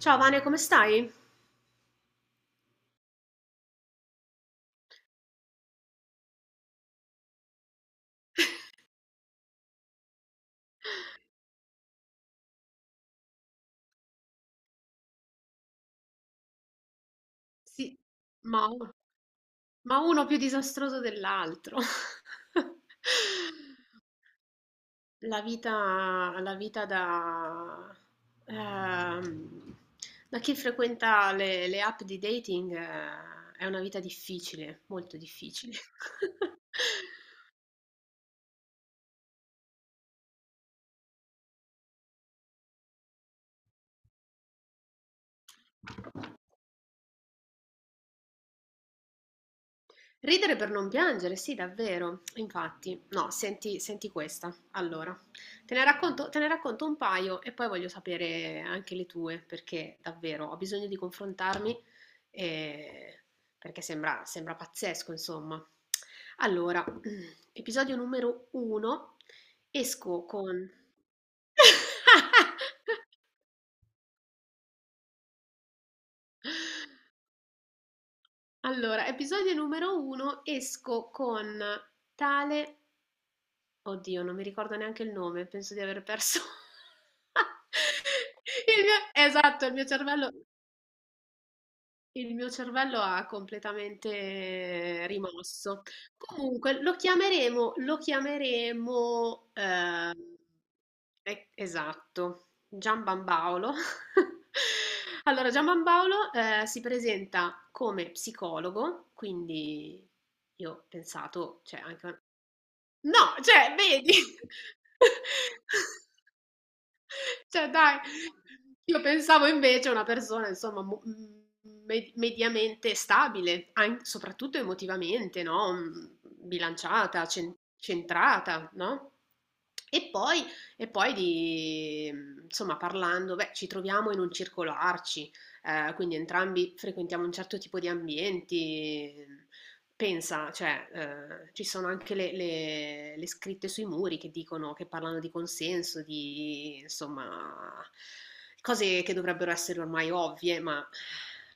Ciao Vane, come stai? Sì, Ma, ma uno più disastroso dell'altro. La vita da, ehm, da chi frequenta le app di dating, è una vita difficile, molto difficile. Ridere per non piangere, sì, davvero. Infatti, no, senti, senti questa. Allora, te ne racconto un paio e poi voglio sapere anche le tue, perché davvero ho bisogno di confrontarmi, eh, perché sembra pazzesco, insomma. Allora, episodio numero uno, esco con... Allora, episodio numero uno, esco con tale. Oddio, non mi ricordo neanche il nome, penso di aver perso il mio cervello. Il mio cervello ha completamente rimosso. Comunque lo chiameremo, esatto, Gianbambaolo. Allora, Gianbambaolo, si presenta come psicologo, quindi io ho pensato, cioè anche... No, cioè, vedi? Cioè dai, io pensavo invece a una persona insomma mediamente stabile, soprattutto emotivamente, no? Bilanciata, centrata, no? E poi, e poi di, insomma, parlando, beh, ci troviamo in un circolo ARCI, quindi entrambi frequentiamo un certo tipo di ambienti. Pensa, cioè, ci sono anche le scritte sui muri che dicono, che parlano di consenso, di insomma, cose che dovrebbero essere ormai ovvie, ma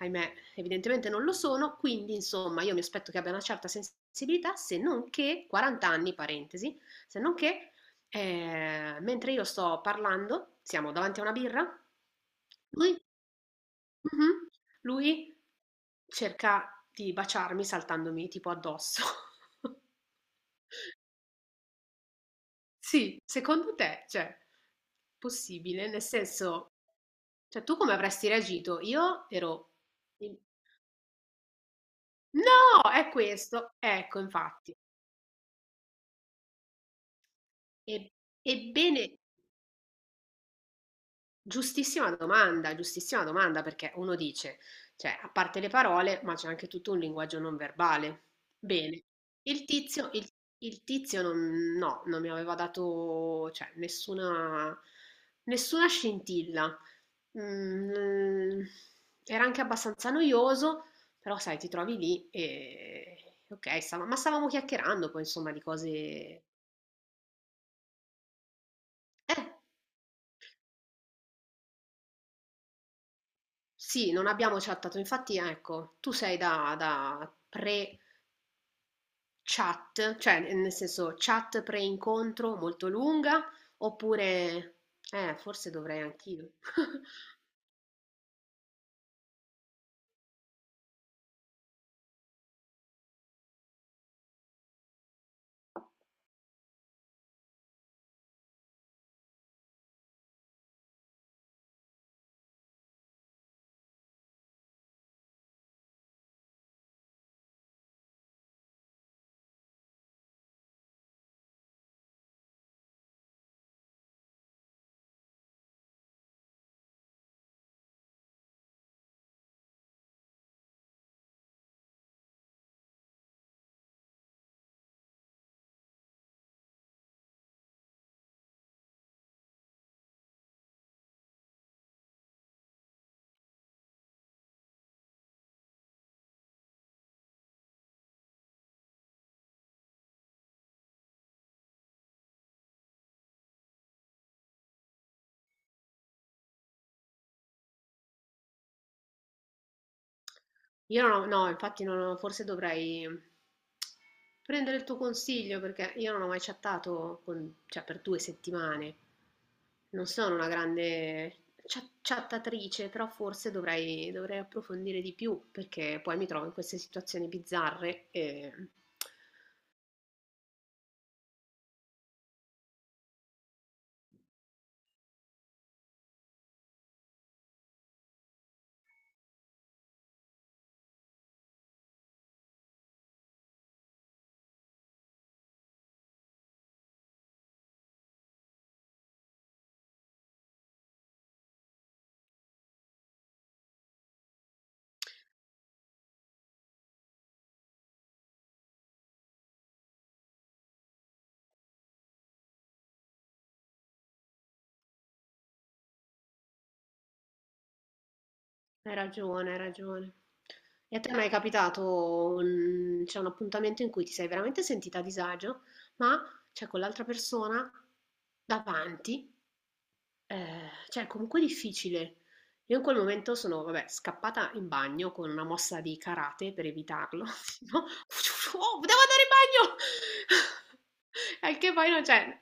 ahimè, evidentemente non lo sono. Quindi, insomma, io mi aspetto che abbia una certa sensibilità, se non che 40 anni, parentesi, se non che, mentre io sto parlando, siamo davanti a una birra. Lui... Mh-mh. Lui cerca di baciarmi saltandomi tipo addosso. Sì, secondo te, cioè, possibile? Nel senso, cioè, tu come avresti reagito? Io ero in "No, è questo!". Ecco, infatti. E ebbene, giustissima domanda, giustissima domanda, perché uno dice, cioè, a parte le parole, ma c'è anche tutto un linguaggio non verbale. Bene, il tizio, il, il tizio non, no, non mi aveva dato, cioè, nessuna, nessuna scintilla. Mm, era anche abbastanza noioso, però sai, ti trovi lì e... Ok, ma stavamo chiacchierando poi, insomma, di cose... Eh? Sì, non abbiamo chattato, infatti ecco, tu sei da pre-chat, cioè nel senso chat pre-incontro molto lunga, oppure... forse dovrei anch'io. Io no, no, infatti forse dovrei prendere il tuo consiglio perché io non ho mai chattato cioè, per due settimane. Non sono una grande chattatrice, però forse dovrei, dovrei approfondire di più perché poi mi trovo in queste situazioni bizzarre e hai ragione, hai ragione. E a te mai è capitato un, cioè, un appuntamento in cui ti sei veramente sentita a disagio, ma c'è con l'altra persona davanti? Cioè, comunque difficile. Io in quel momento sono, vabbè, scappata in bagno con una mossa di karate per evitarlo. No? Oh, devo andare in bagno! E che poi non c'è.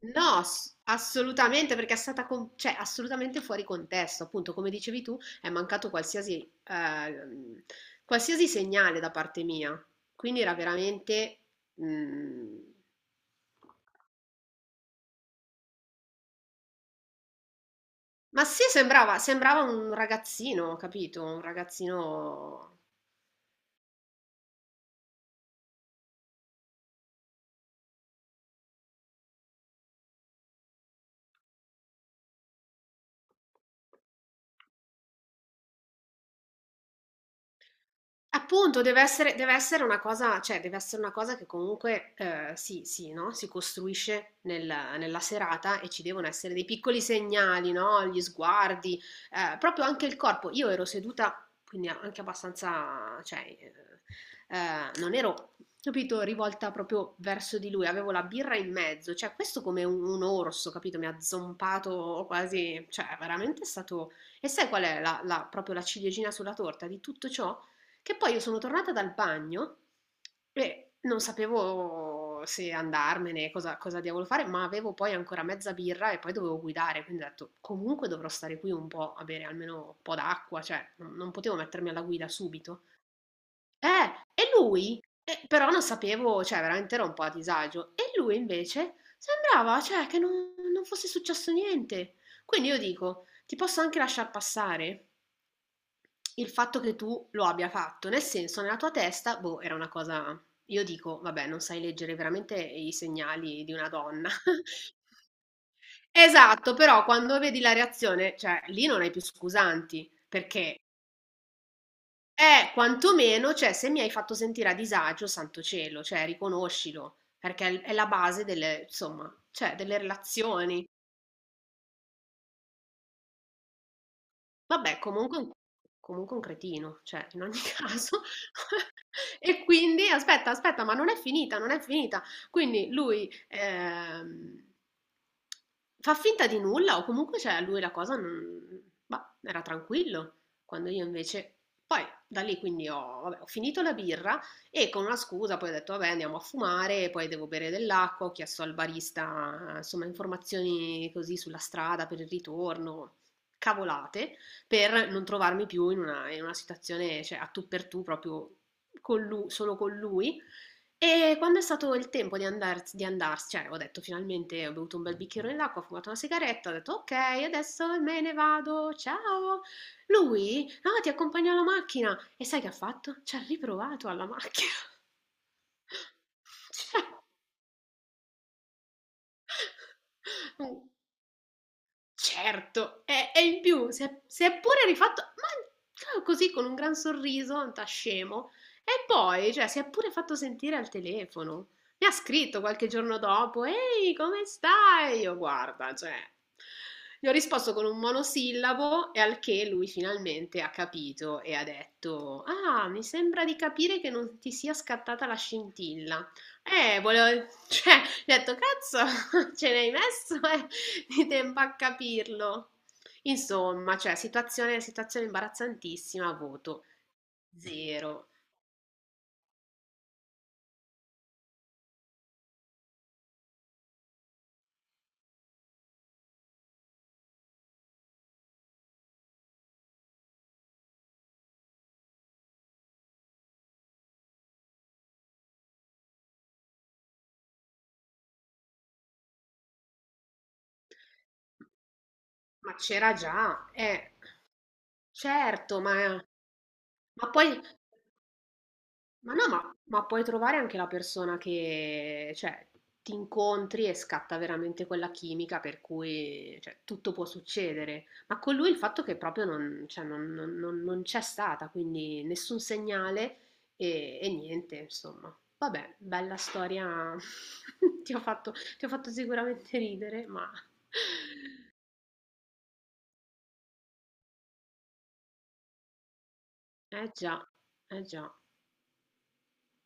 No, assolutamente, perché è stata cioè, assolutamente fuori contesto. Appunto, come dicevi tu, è mancato qualsiasi, qualsiasi segnale da parte mia. Quindi era veramente... mm, ma sì, sembrava, sembrava un ragazzino, capito? Un ragazzino. Appunto, deve essere una cosa, cioè, deve essere una cosa che comunque, no, si costruisce nella serata, e ci devono essere dei piccoli segnali, no, gli sguardi, proprio anche il corpo. Io ero seduta, quindi anche abbastanza, cioè, non ero, capito, rivolta proprio verso di lui, avevo la birra in mezzo, cioè questo come un orso, capito, mi ha zompato quasi, cioè veramente è stato... E sai qual è la la proprio la ciliegina sulla torta di tutto ciò? Che poi io sono tornata dal bagno e non sapevo se andarmene, cosa, cosa diavolo fare, ma avevo poi ancora mezza birra e poi dovevo guidare, quindi ho detto comunque dovrò stare qui un po' a bere almeno un po' d'acqua, cioè non, non potevo mettermi alla guida subito. E lui, eh, però non sapevo, cioè veramente ero un po' a disagio, e lui invece sembrava, cioè, che non, non fosse successo niente. Quindi io dico, ti posso anche lasciar passare? Il fatto che tu lo abbia fatto, nel senso, nella tua testa, boh, era una cosa. Io dico, vabbè, non sai leggere veramente i segnali di una donna. Esatto, però quando vedi la reazione, cioè lì non hai più scusanti, perché è quantomeno, cioè se mi hai fatto sentire a disagio, santo cielo, cioè riconoscilo, perché è la base delle, insomma, cioè delle relazioni. Vabbè, comunque un cretino, cioè in ogni caso e quindi aspetta, aspetta, ma non è finita, non è finita. Quindi lui, fa finta di nulla o comunque, cioè a lui la cosa non... bah, era tranquillo, quando io invece... Poi da lì quindi ho, vabbè, ho finito la birra e con una scusa poi ho detto vabbè, andiamo a fumare, poi devo bere dell'acqua, ho chiesto al barista insomma informazioni così sulla strada per il ritorno, cavolate per non trovarmi più in una situazione, cioè, a tu per tu proprio solo con lui. E quando è stato il tempo di, di andarsene, cioè ho detto finalmente ho bevuto un bel bicchierone d'acqua, ho fumato una sigaretta, ho detto ok, adesso me ne vado, ciao. Lui, no, ti accompagno alla macchina. E sai che ha fatto? Ci ha riprovato alla macchina. Cioè, certo, e in più si è pure rifatto, ma così con un gran sorriso da scemo, e poi, cioè, si è pure fatto sentire al telefono. Mi ha scritto qualche giorno dopo: "Ehi, come stai?". Io guarda, cioè, gli ho risposto con un monosillabo e al che lui finalmente ha capito e ha detto: "Ah, mi sembra di capire che non ti sia scattata la scintilla". Volevo, cioè, gli ho detto, cazzo, ce l'hai messo, di tempo a capirlo. Insomma, cioè, situazione, situazione imbarazzantissima, voto zero. Ma c'era già, certo, ma poi... Ma no, ma puoi trovare anche la persona che, cioè, ti incontri e scatta veramente quella chimica per cui, cioè, tutto può succedere. Ma con lui il fatto che proprio non, cioè, non c'è stata, quindi nessun segnale e niente, insomma. Vabbè, bella storia. Ti ho fatto sicuramente ridere, ma eh già, eh già.